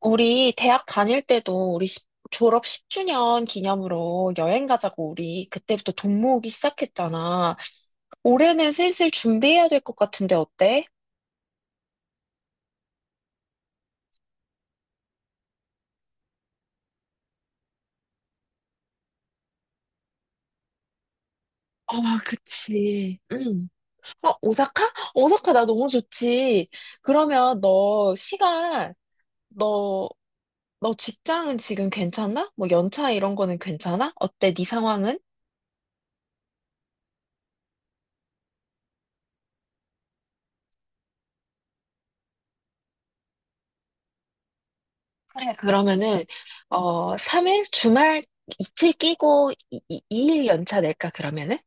우리 대학 다닐 때도 우리 졸업 10주년 기념으로 여행 가자고 우리 그때부터 돈 모으기 시작했잖아. 올해는 슬슬 준비해야 될 것 같은데 어때? 아, 그치. 응. 오사카? 오사카 나 너무 좋지. 그러면 너, 너 직장은 지금 괜찮나? 뭐 연차 이런 거는 괜찮아? 어때? 네 상황은? 그래, 그러면은. 3일? 주말 이틀 끼고 2일 연차 낼까, 그러면은?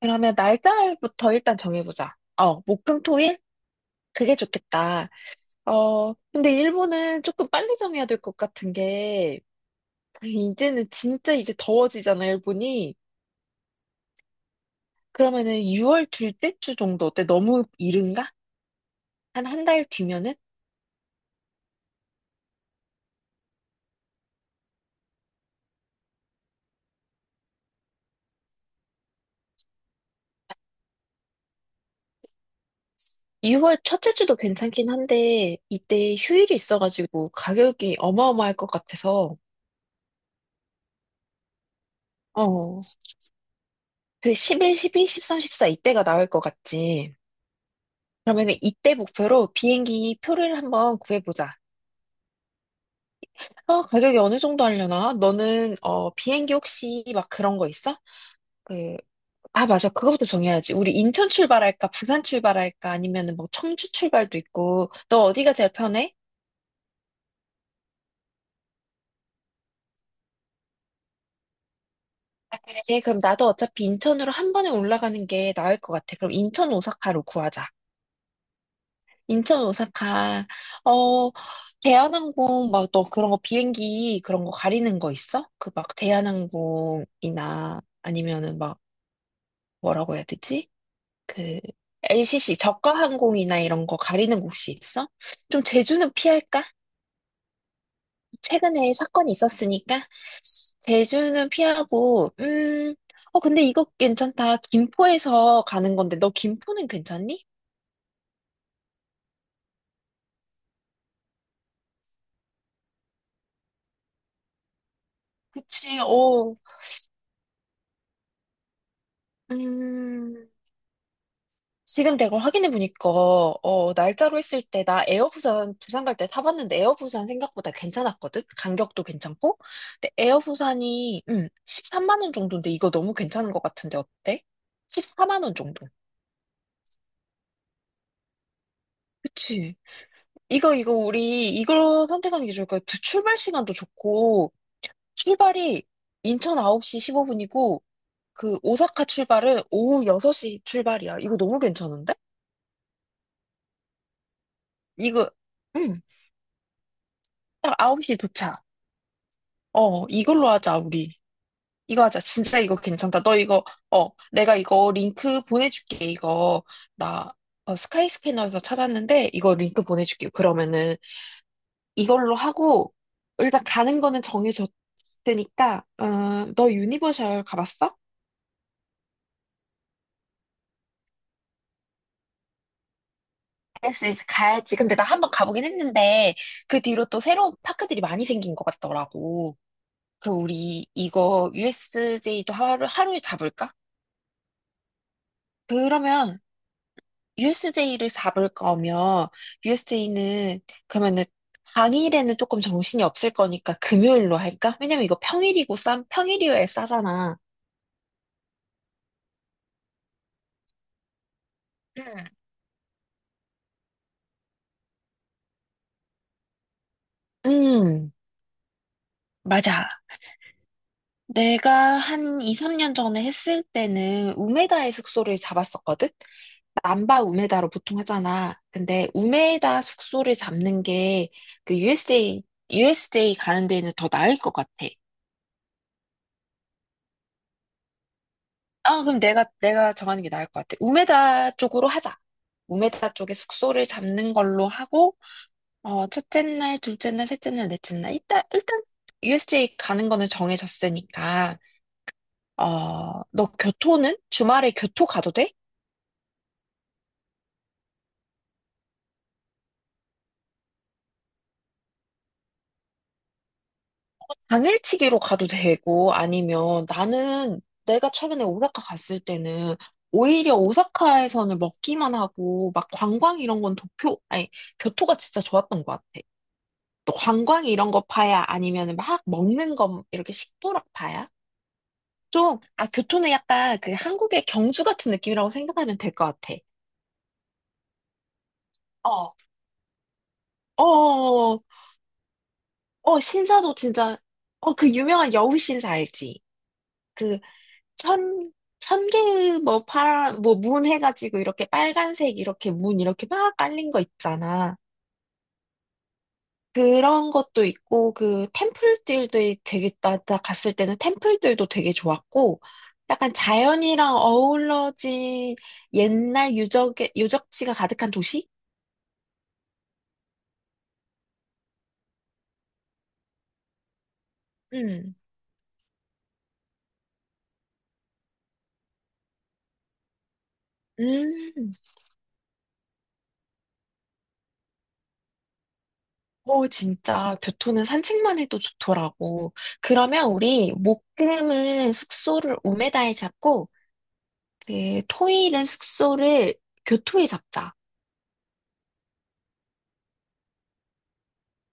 그러면 날짜부터 일단 정해보자. 목금토일? 그게 좋겠다. 근데 일본은 조금 빨리 정해야 될 것 같은 게, 이제는 진짜 이제 더워지잖아, 일본이. 그러면은 6월 둘째 주 정도 어때? 너무 이른가? 한 한 달 뒤면은? 6월 첫째 주도 괜찮긴 한데, 이때 휴일이 있어가지고 가격이 어마어마할 것 같아서. 어, 그 11, 12, 13, 14 이때가 나을 것 같지. 그러면 이때 목표로 비행기 표를 한번 구해보자. 가격이 어느 정도 하려나? 너는, 비행기 혹시 막 그런 거 있어? 그, 아, 맞아. 그거부터 정해야지. 우리 인천 출발할까? 부산 출발할까? 아니면은 뭐 청주 출발도 있고. 너 어디가 제일 편해? 아, 그래. 그럼 나도 어차피 인천으로 한 번에 올라가는 게 나을 것 같아. 그럼 인천 오사카로 구하자. 인천 오사카. 어 대한항공 막 너 그런 거 비행기 그런 거 가리는 거 있어? 그 막 대한항공이나 아니면은 막 뭐라고 해야 되지? 그 LCC 저가 항공이나 이런 거 가리는 거 혹시 있어? 좀 제주는 피할까? 최근에 사건이 있었으니까 제주는 피하고, 근데 이거 괜찮다. 김포에서 가는 건데 너 김포는 괜찮니? 그치. 어음 지금 내가 확인해 보니까, 날짜로 했을 때 나 에어 부산 부산 갈 때 타봤는데 에어 부산 생각보다 괜찮았거든. 간격도 괜찮고. 근데 에어 부산이 13만 원 정도인데 이거 너무 괜찮은 것 같은데 어때? 14만 원 정도. 그치? 이거 우리 이걸 선택하는 게 좋을 거야. 출발 시간도 좋고 출발이 인천 9시 15분이고 그 오사카 출발은 오후 6시 출발이야. 이거 너무 괜찮은데? 이거 음, 딱 9시 도착. 이걸로 하자, 우리. 이거 하자. 진짜 이거 괜찮다. 너 이거. 내가 이거 링크 보내줄게. 나, 스카이 스캐너에서 찾았는데, 이거 링크 보내줄게. 그러면은, 이걸로 하고, 일단 가는 거는 정해졌으니까. 너 유니버셜 가봤어? 알았어, 가야지. 근데 나 한번 가보긴 했는데, 그 뒤로 또 새로운 파크들이 많이 생긴 것 같더라고. 그럼 우리 이거 USJ도 하루에 잡을까? 그러면, USJ를 잡을 거면 USJ는 그러면은 당일에는 조금 정신이 없을 거니까 금요일로 할까? 왜냐면 이거 평일이고 평일이어야 싸잖아. 응. 음, 맞아. 내가 한 2, 3년 전에 했을 때는 우메다의 숙소를 잡았었거든? 남바 우메다로 보통 하잖아. 근데 우메다 숙소를 잡는 게 그 USJ 가는 데는 더 나을 것 같아. 아, 그럼 내가 정하는 게 나을 것 같아. 우메다 쪽으로 하자. 우메다 쪽에 숙소를 잡는 걸로 하고. 첫째 날, 둘째 날, 셋째 날, 넷째 날. 일단, USJ 가는 거는 정해졌으니까. 너 교토는? 주말에 교토 가도 돼? 당일치기로 가도 되고, 아니면 나는 내가 최근에 오사카 갔을 때는 오히려 오사카에서는 먹기만 하고, 막 관광 이런 건 도쿄, 아니, 교토가 진짜 좋았던 것 같아. 또 관광 이런 거 파야? 아니면 막 먹는 거 이렇게 식도락 파야? 좀, 아, 교토는 약간 그 한국의 경주 같은 느낌이라고 생각하면 될 것 같아. 어, 어, 어, 어, 신사도 진짜. 그 유명한 여우 신사 알지? 그 천, 천개 뭐 파란, 뭐 문 해가지고 이렇게 빨간색 이렇게 문 이렇게 막 깔린 거 있잖아. 그런 것도 있고, 그 템플들도 나 갔을 때는 템플들도 되게 좋았고, 약간 자연이랑 어우러진 옛날 유적지가 가득한 도시? 음. 음. 오, 진짜 교토는 산책만 해도 좋더라고. 그러면 우리 목금은 숙소를 우메다에 잡고, 그 토일은 숙소를 교토에 잡자.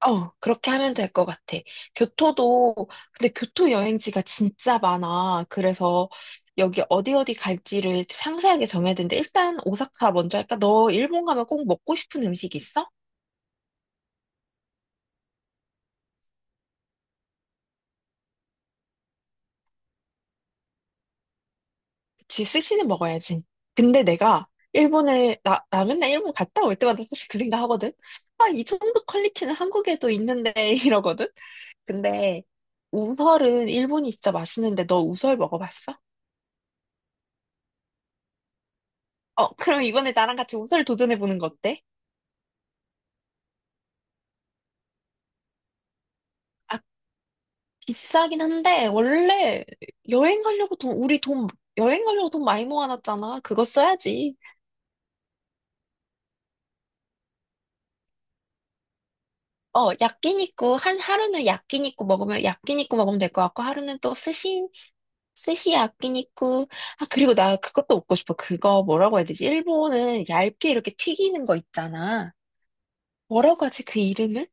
그렇게 하면 될 것 같아. 교토도, 근데 교토 여행지가 진짜 많아. 그래서 여기 어디 어디 갈지를 상세하게 정해야 되는데, 일단 오사카 먼저 할까? 너 일본 가면 꼭 먹고 싶은 음식 있어? 그치, 스시는 먹어야지. 근데 내가 나 맨날 일본 갔다 올 때마다 사실 그 생각 하거든? 아, 이 정도 퀄리티는 한국에도 있는데, 이러거든? 근데 우설은 일본이 진짜 맛있는데, 너 우설 먹어봤어? 그럼 이번에 나랑 같이 우설 도전해보는 거 어때? 비싸긴 한데 원래 여행 가려고 돈 우리 돈 여행 가려고 돈 많이 모아놨잖아. 그거 써야지. 야끼니쿠 한 하루는 야끼니쿠 먹으면 될 것 같고 하루는 또 스시 야끼니쿠. 아 그리고 나 그것도 먹고 싶어. 그거 뭐라고 해야 되지? 일본은 얇게 이렇게 튀기는 거 있잖아. 뭐라고 하지 그 이름을?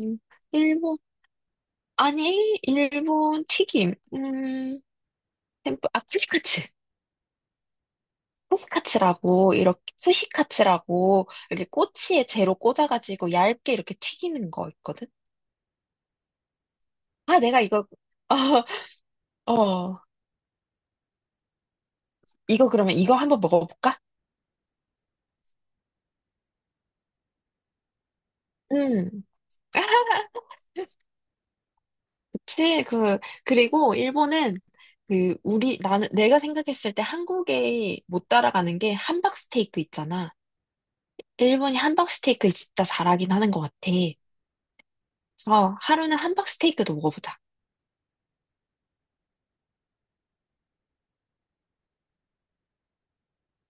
음, 일본 아니 일본 튀김. 아츠시카츠. 소스카츠라고 이렇게 수시카츠라고 이렇게 꼬치에 재로 꽂아가지고 얇게 이렇게 튀기는 거 있거든. 아, 내가 이거 어, 어, 이거 그러면 이거 한번 먹어볼까? 음. 그치, 그리고 일본은 내가 생각했을 때 한국에 못 따라가는 게 함박스테이크 있잖아. 일본이 함박스테이크 진짜 잘하긴 하는 것 같아. 그래서 하루는 함박스테이크도 먹어보자.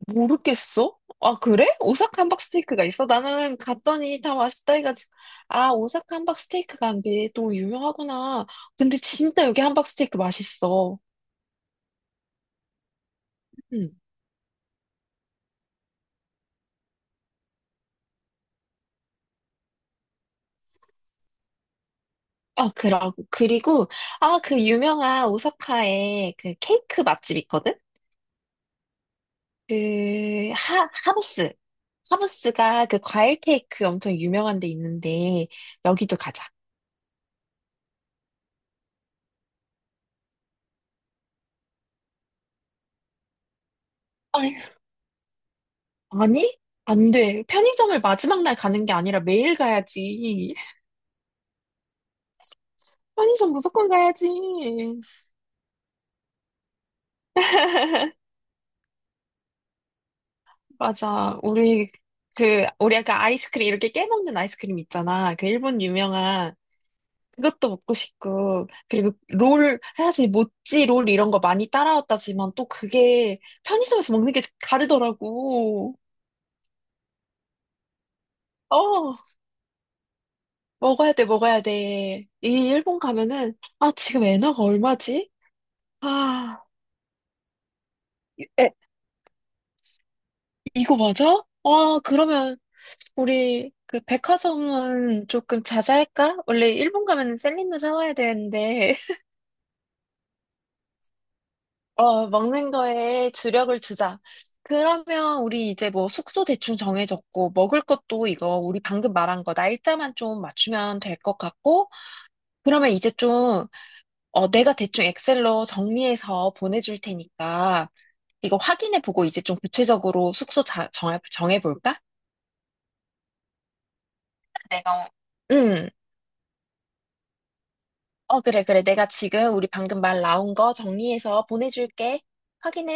모르겠어? 아, 그래? 오사카 함박 스테이크가 있어? 나는 갔더니 다 맛있다 해가지고, 아, 오사카 함박 스테이크가 이게 또 유명하구나. 근데 진짜 여기 함박 스테이크 맛있어. 음. 아, 그리고, 아, 그 유명한 오사카에 그 케이크 맛집 있거든? 하부스. 하부스가 그 과일 케이크 엄청 유명한 데 있는데, 여기도 가자. 아니, 아니? 안 돼. 편의점을 마지막 날 가는 게 아니라 매일 가야지. 편의점 무조건 가야지. 맞아. 우리 아까 아이스크림, 이렇게 깨먹는 아이스크림 있잖아. 그 일본 유명한. 그것도 먹고 싶고. 그리고 롤, 사실 모찌 롤 이런 거 많이 따라왔다지만 또 그게 편의점에서 먹는 게 다르더라고. 어, 먹어야 돼, 먹어야 돼. 이 일본 가면은, 아, 지금 엔화가 얼마지? 아, 이거 맞아? 아, 그러면 우리 그 백화점은 조금 자제할까? 원래 일본 가면 셀린느 사와야 되는데 먹는 거에 주력을 주자. 그러면 우리 이제 뭐 숙소 대충 정해졌고 먹을 것도 이거 우리 방금 말한 거 날짜만 좀 맞추면 될 것 같고 그러면 이제 좀. 내가 대충 엑셀로 정리해서 보내줄 테니까 이거 확인해 보고 이제 좀 구체적으로 숙소 정해볼까? 내가. 응. 그래, 그래. 내가 지금 우리 방금 말 나온 거 정리해서 보내줄게. 확인해.